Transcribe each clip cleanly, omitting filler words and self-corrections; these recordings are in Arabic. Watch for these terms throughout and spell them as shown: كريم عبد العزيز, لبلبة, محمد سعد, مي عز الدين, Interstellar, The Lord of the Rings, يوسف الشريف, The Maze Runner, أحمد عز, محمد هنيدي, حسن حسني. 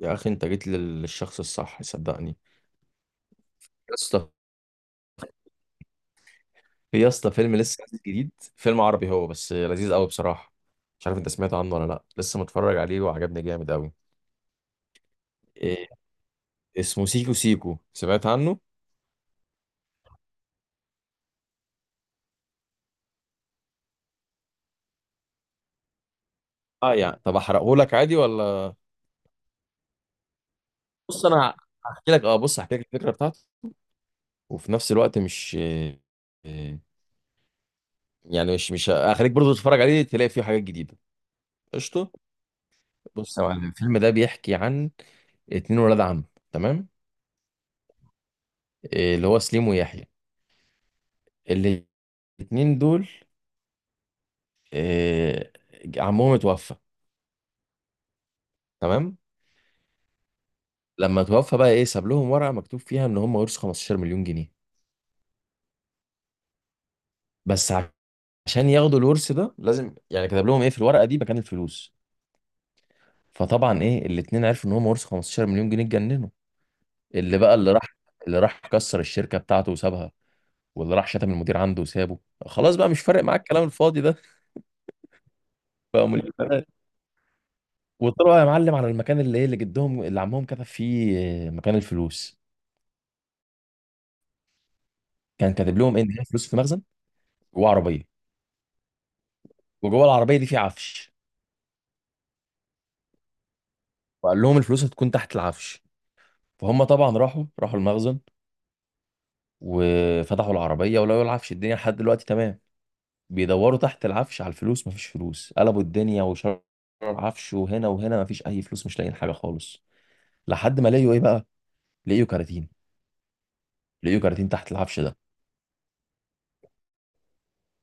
يا اخي انت جيت للشخص الصح، صدقني. يا اسطى، في يا اسطى فيلم لسه نازل جديد. فيلم عربي هو، بس لذيذ قوي بصراحه. مش عارف انت سمعت عنه ولا لا، لسه متفرج عليه وعجبني جامد قوي. إيه اسمه سيكو سيكو، سمعت عنه؟ اه يعني، طب احرقه لك عادي ولا؟ بص انا بص هحكي لك الفكره بتاعته، وفي نفس الوقت مش إيه إيه، يعني مش هخليك برضه تتفرج عليه، تلاقي فيه حاجات جديده. قشطه. بص يا معلم، الفيلم ده بيحكي عن اتنين ولاد عم، تمام؟ اللي هو سليم ويحيى، اللي الاتنين دول آه، عمهم اتوفى. تمام. لما اتوفى بقى ساب لهم ورقه مكتوب فيها ان هم ورثوا 15 مليون جنيه. بس ع- عشان ياخدوا الورث ده لازم يعني، كتب لهم في الورقه دي مكان الفلوس. فطبعا الاتنين عرفوا ان هم ورثوا 15 مليون جنيه، اتجننوا. اللي بقى اللي راح اللي راح كسر الشركه بتاعته وسابها، واللي راح شتم المدير عنده وسابه. خلاص بقى، مش فارق معاك الكلام الفاضي ده. بقى مليونيرات. وطلعوا يا معلم على المكان اللي ايه اللي جدهم اللي عمهم كتب فيه مكان الفلوس. كان كاتب لهم ان هي فلوس في مخزن، جوه عربيه. وجوه العربيه دي في عفش. وقال لهم الفلوس هتكون تحت العفش. فهم طبعا راحوا المخزن، وفتحوا العربيه ولقوا العفش. الدنيا لحد دلوقتي تمام. بيدوروا تحت العفش على الفلوس، مفيش فلوس. قلبوا الدنيا وشروا العفش وهنا وهنا، مفيش اي فلوس. مش لاقيين حاجه خالص، لحد ما لقيوا بقى، لقيوا كراتين. لقيوا كراتين تحت العفش ده.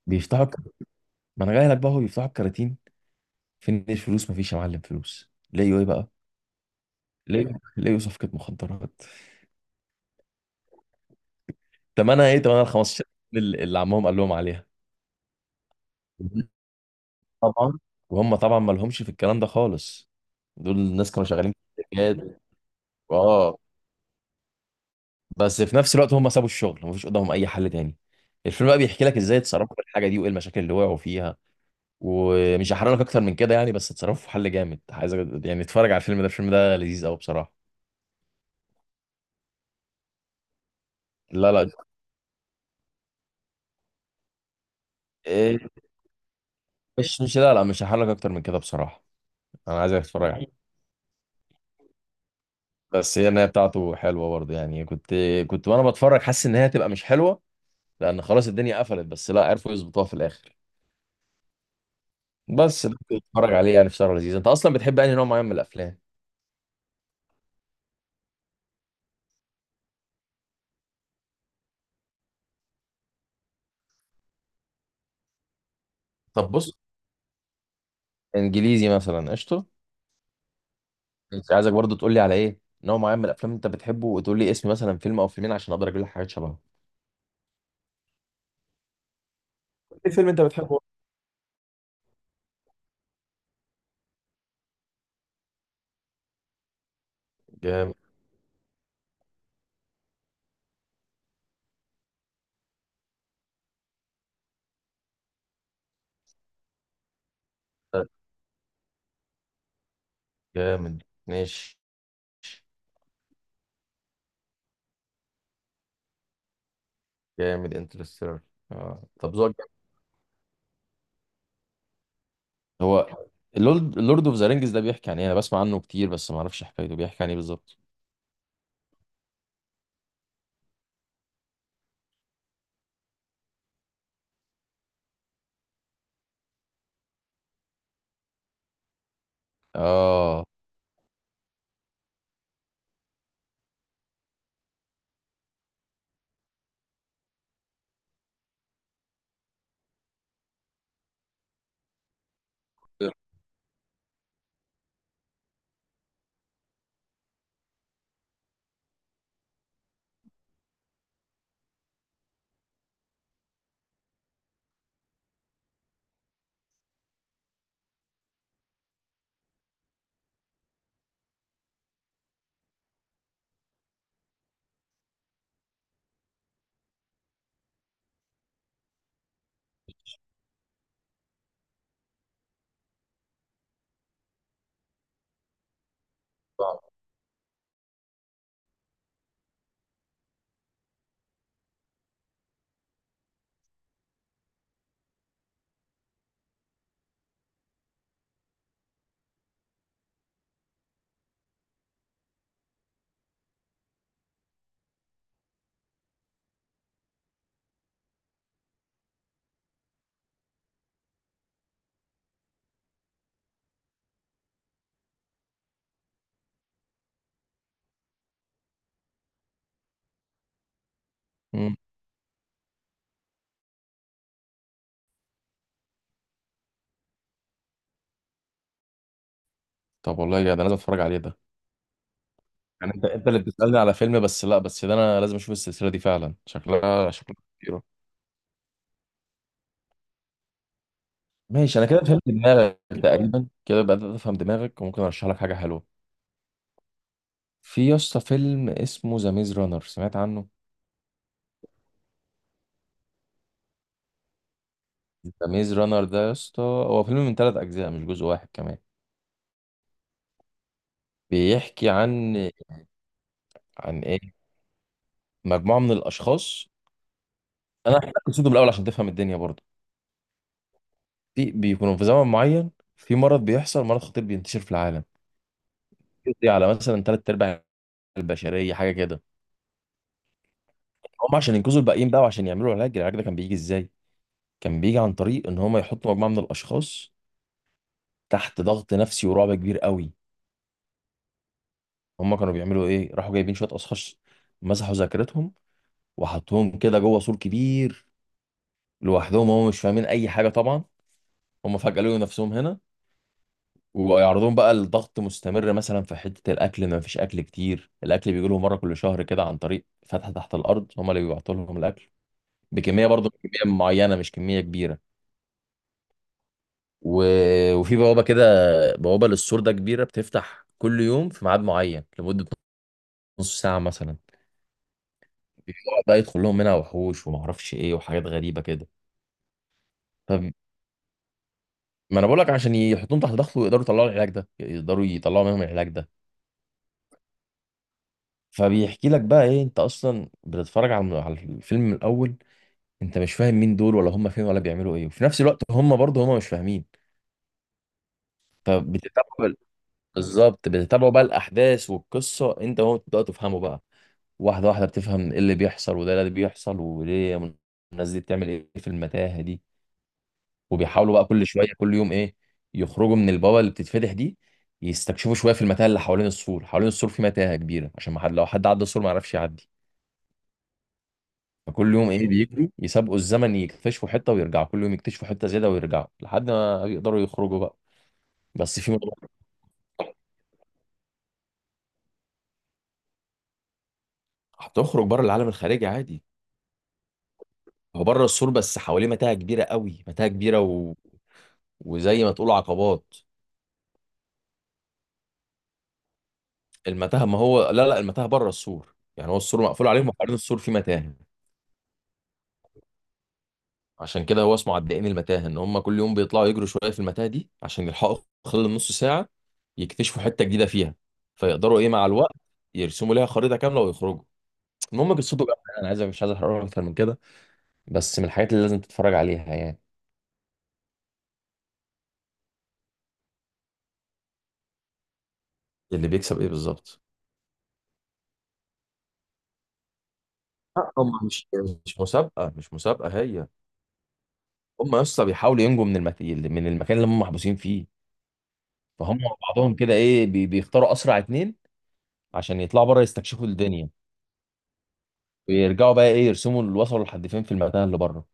بيفتحوا الك- ما انا جاي لك بقى. هو بيفتحوا الكراتين، فين الفلوس؟ مفيش يا معلم فلوس. لقيوا بقى، لقيوا صفقه مخدرات. تمنها ال 15 اللي عمهم قال لهم عليها. طبعا، وهم طبعا ما لهمش في الكلام ده خالص. دول الناس كانوا شغالين في الشركات، اه. بس في نفس الوقت هم سابوا الشغل، مفيش قدامهم اي حل تاني. الفيلم بقى بيحكي لك ازاي اتصرفوا في الحاجه دي، وايه المشاكل اللي وقعوا فيها. ومش هحرق لك اكتر من كده يعني، بس اتصرفوا في حل جامد عايز. يعني اتفرج على الفيلم ده، الفيلم ده لذيذ قوي بصراحه. لا لا، إيه، مش لا لا، مش هحرق لك اكتر من كده بصراحه. انا عايزك تتفرج عليه. بس هي النهايه بتاعته حلوه برضه يعني، كنت وانا بتفرج حاسس ان هي هتبقى مش حلوه، لان خلاص الدنيا قفلت، بس لا، عرفوا يظبطوها في الاخر. بس ده كنت بتفرج عليه يعني في شهر لذيذ. انت اصلا بتحب انهي نوع معين من الافلام؟ طب بص، انجليزي مثلا، قشطه. انت عايزك برضه تقول لي على ايه نوع معين من الافلام انت بتحبه، وتقول لي اسم مثلا فيلم او فيلمين عشان اقدر اجيب لك حاجات شبهه. ايه فيلم انت بتحبه؟ جامد. جامد ماشي. جامد انترستيلر. اه طب ذوقك جامد. هو اللورد اوف ذا رينجز ده بيحكي عن ايه؟ انا بسمع عنه كتير بس ما اعرفش حكايته، بيحكي عن ايه بالظبط؟ اه، مم. طب والله يا جدع، انا لازم اتفرج عليه ده. يعني انت اللي بتسالني على فيلم، بس لا، بس ده انا لازم اشوف السلسله دي فعلا، شكلها كتير. ماشي، انا كده فهمت دماغك تقريبا، كده بدات افهم دماغك وممكن ارشح لك حاجه حلوه. في يا اسطى فيلم اسمه ذا ميز رانر، سمعت عنه؟ ذا ميز رانر ده يا اسطى هو فيلم من ثلاث اجزاء، مش جزء واحد كمان. بيحكي عن، ايه مجموعه من الاشخاص. انا هحكي لك قصته من الاول عشان تفهم الدنيا برضه. في بيكونوا في زمن معين، في مرض بيحصل، مرض خطير بينتشر في العالم، بيقضي على مثلا ثلاث ارباع البشريه، حاجه كده. هم عشان ينقذوا الباقيين بقى، وعشان يعملوا العلاج، العلاج ده كان بيجي ازاي؟ كان بيجي عن طريق ان هم يحطوا مجموعه من الاشخاص تحت ضغط نفسي ورعب كبير قوي. هم كانوا بيعملوا ايه؟ راحوا جايبين شويه اشخاص، مسحوا ذاكرتهم، وحطوهم كده جوه سور كبير لوحدهم. هم مش فاهمين اي حاجه طبعا، هم فجاه لقوا نفسهم هنا. ويعرضون بقى لضغط مستمر، مثلا في حته الاكل، ما فيش اكل كتير، الاكل بيجي لهم مره كل شهر كده، عن طريق فتحه تحت الارض، هم اللي بيبعتوا لهم الاكل بكميه برضه، كميه معينه مش كميه كبيره. و... وفي بوابة كده، بوابة للسور ده كبيرة، بتفتح كل يوم في ميعاد معين لمدة نص ساعة مثلا. بيقعد بقى يدخل لهم منها وحوش ومعرفش ايه وحاجات غريبة كده. طب، ما انا بقول لك عشان يحطوهم تحت ضغط، ويقدروا يطلعوا العلاج ده، يقدروا يطلعوا منهم العلاج ده. فبيحكي لك بقى انت اصلا بتتفرج على على الفيلم من الاول، انت مش فاهم مين دول ولا هم فين ولا بيعملوا ايه، وفي نفس الوقت هم برضه هم مش فاهمين. فبتتابعوا بال- بالظبط، بتتابعوا بقى الاحداث والقصة، انت وهو بتبداوا تفهموا بقى واحدة واحدة. بتفهم ايه اللي بيحصل، وده اللي بيحصل وليه. الناس دي بتعمل ايه في المتاهة دي؟ وبيحاولوا بقى كل شوية كل يوم يخرجوا من البابا اللي بتتفتح دي، يستكشفوا شوية في المتاهة اللي حوالين السور. في متاهة كبيرة عشان ما حد، لو حد عدى السور ما يعرفش يعدي. فكل يوم بيجروا يسابقوا الزمن، يكتشفوا حتة ويرجعوا، كل يوم يكتشفوا حتة زيادة ويرجعوا، لحد ما يقدروا يخرجوا بقى. بس في مرة هتخرج بره، العالم الخارجي عادي، هو بره السور بس حواليه متاهة كبيرة قوي، متاهة كبيرة و... وزي ما تقول عقبات. المتاهه، ما هو لا لا، المتاهه بره السور يعني، هو السور مقفول عليهم وحوالين السور في متاهه. عشان كده هو اسمه عدائين المتاهه، ان هم كل يوم بيطلعوا يجروا شويه في المتاهه دي عشان يلحقوا خلال نص ساعه يكتشفوا حته جديده فيها. فيقدروا مع الوقت يرسموا ليها خريطه كامله ويخرجوا. المهم قصته بقى، انا عايز مش عايز احرق اكتر من كده، بس من الحاجات اللي لازم تتفرج عليها يعني. اللي بيكسب ايه بالظبط؟ لا، هم مش، مش مسابقه هي. هم يا اسطى بيحاولوا ينجوا من من المكان اللي هم محبوسين فيه. فهم مع بعضهم كده بيختاروا اسرع اتنين، عشان يطلعوا بره يستكشفوا الدنيا، ويرجعوا بقى يرسموا اللي وصلوا لحد فين في المكان اللي بره.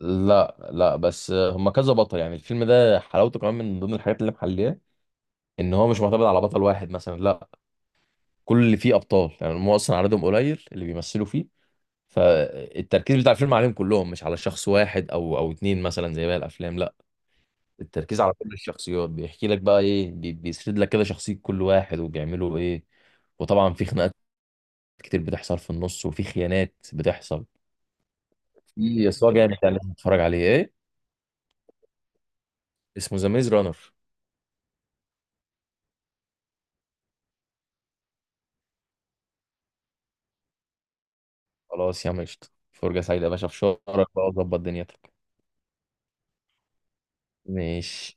لا لا، بس هم كذا بطل يعني، الفيلم ده حلاوته كمان من ضمن الحاجات اللي محليه، ان هو مش معتمد على بطل واحد مثلا، لا. كل اللي فيه ابطال يعني، هم اصلا عددهم قليل اللي بيمثلوا فيه، فالتركيز بتاع الفيلم عليهم كلهم، مش على شخص واحد او اتنين مثلا زي باقي الافلام، لا. التركيز على كل الشخصيات، بيحكي لك بقى بيسرد لك كده شخصيه كل واحد وبيعملوا ايه. وطبعا في خناقات كتير بتحصل في النص، وفي خيانات بتحصل، في صراع جامد يعني لازم تتفرج عليه. اسمه ذا ميز رانر. خلاص يا عم، قشطة، فرجة سعيدة يا باشا، في شهرك بقى وظبط دنيتك. ماشي.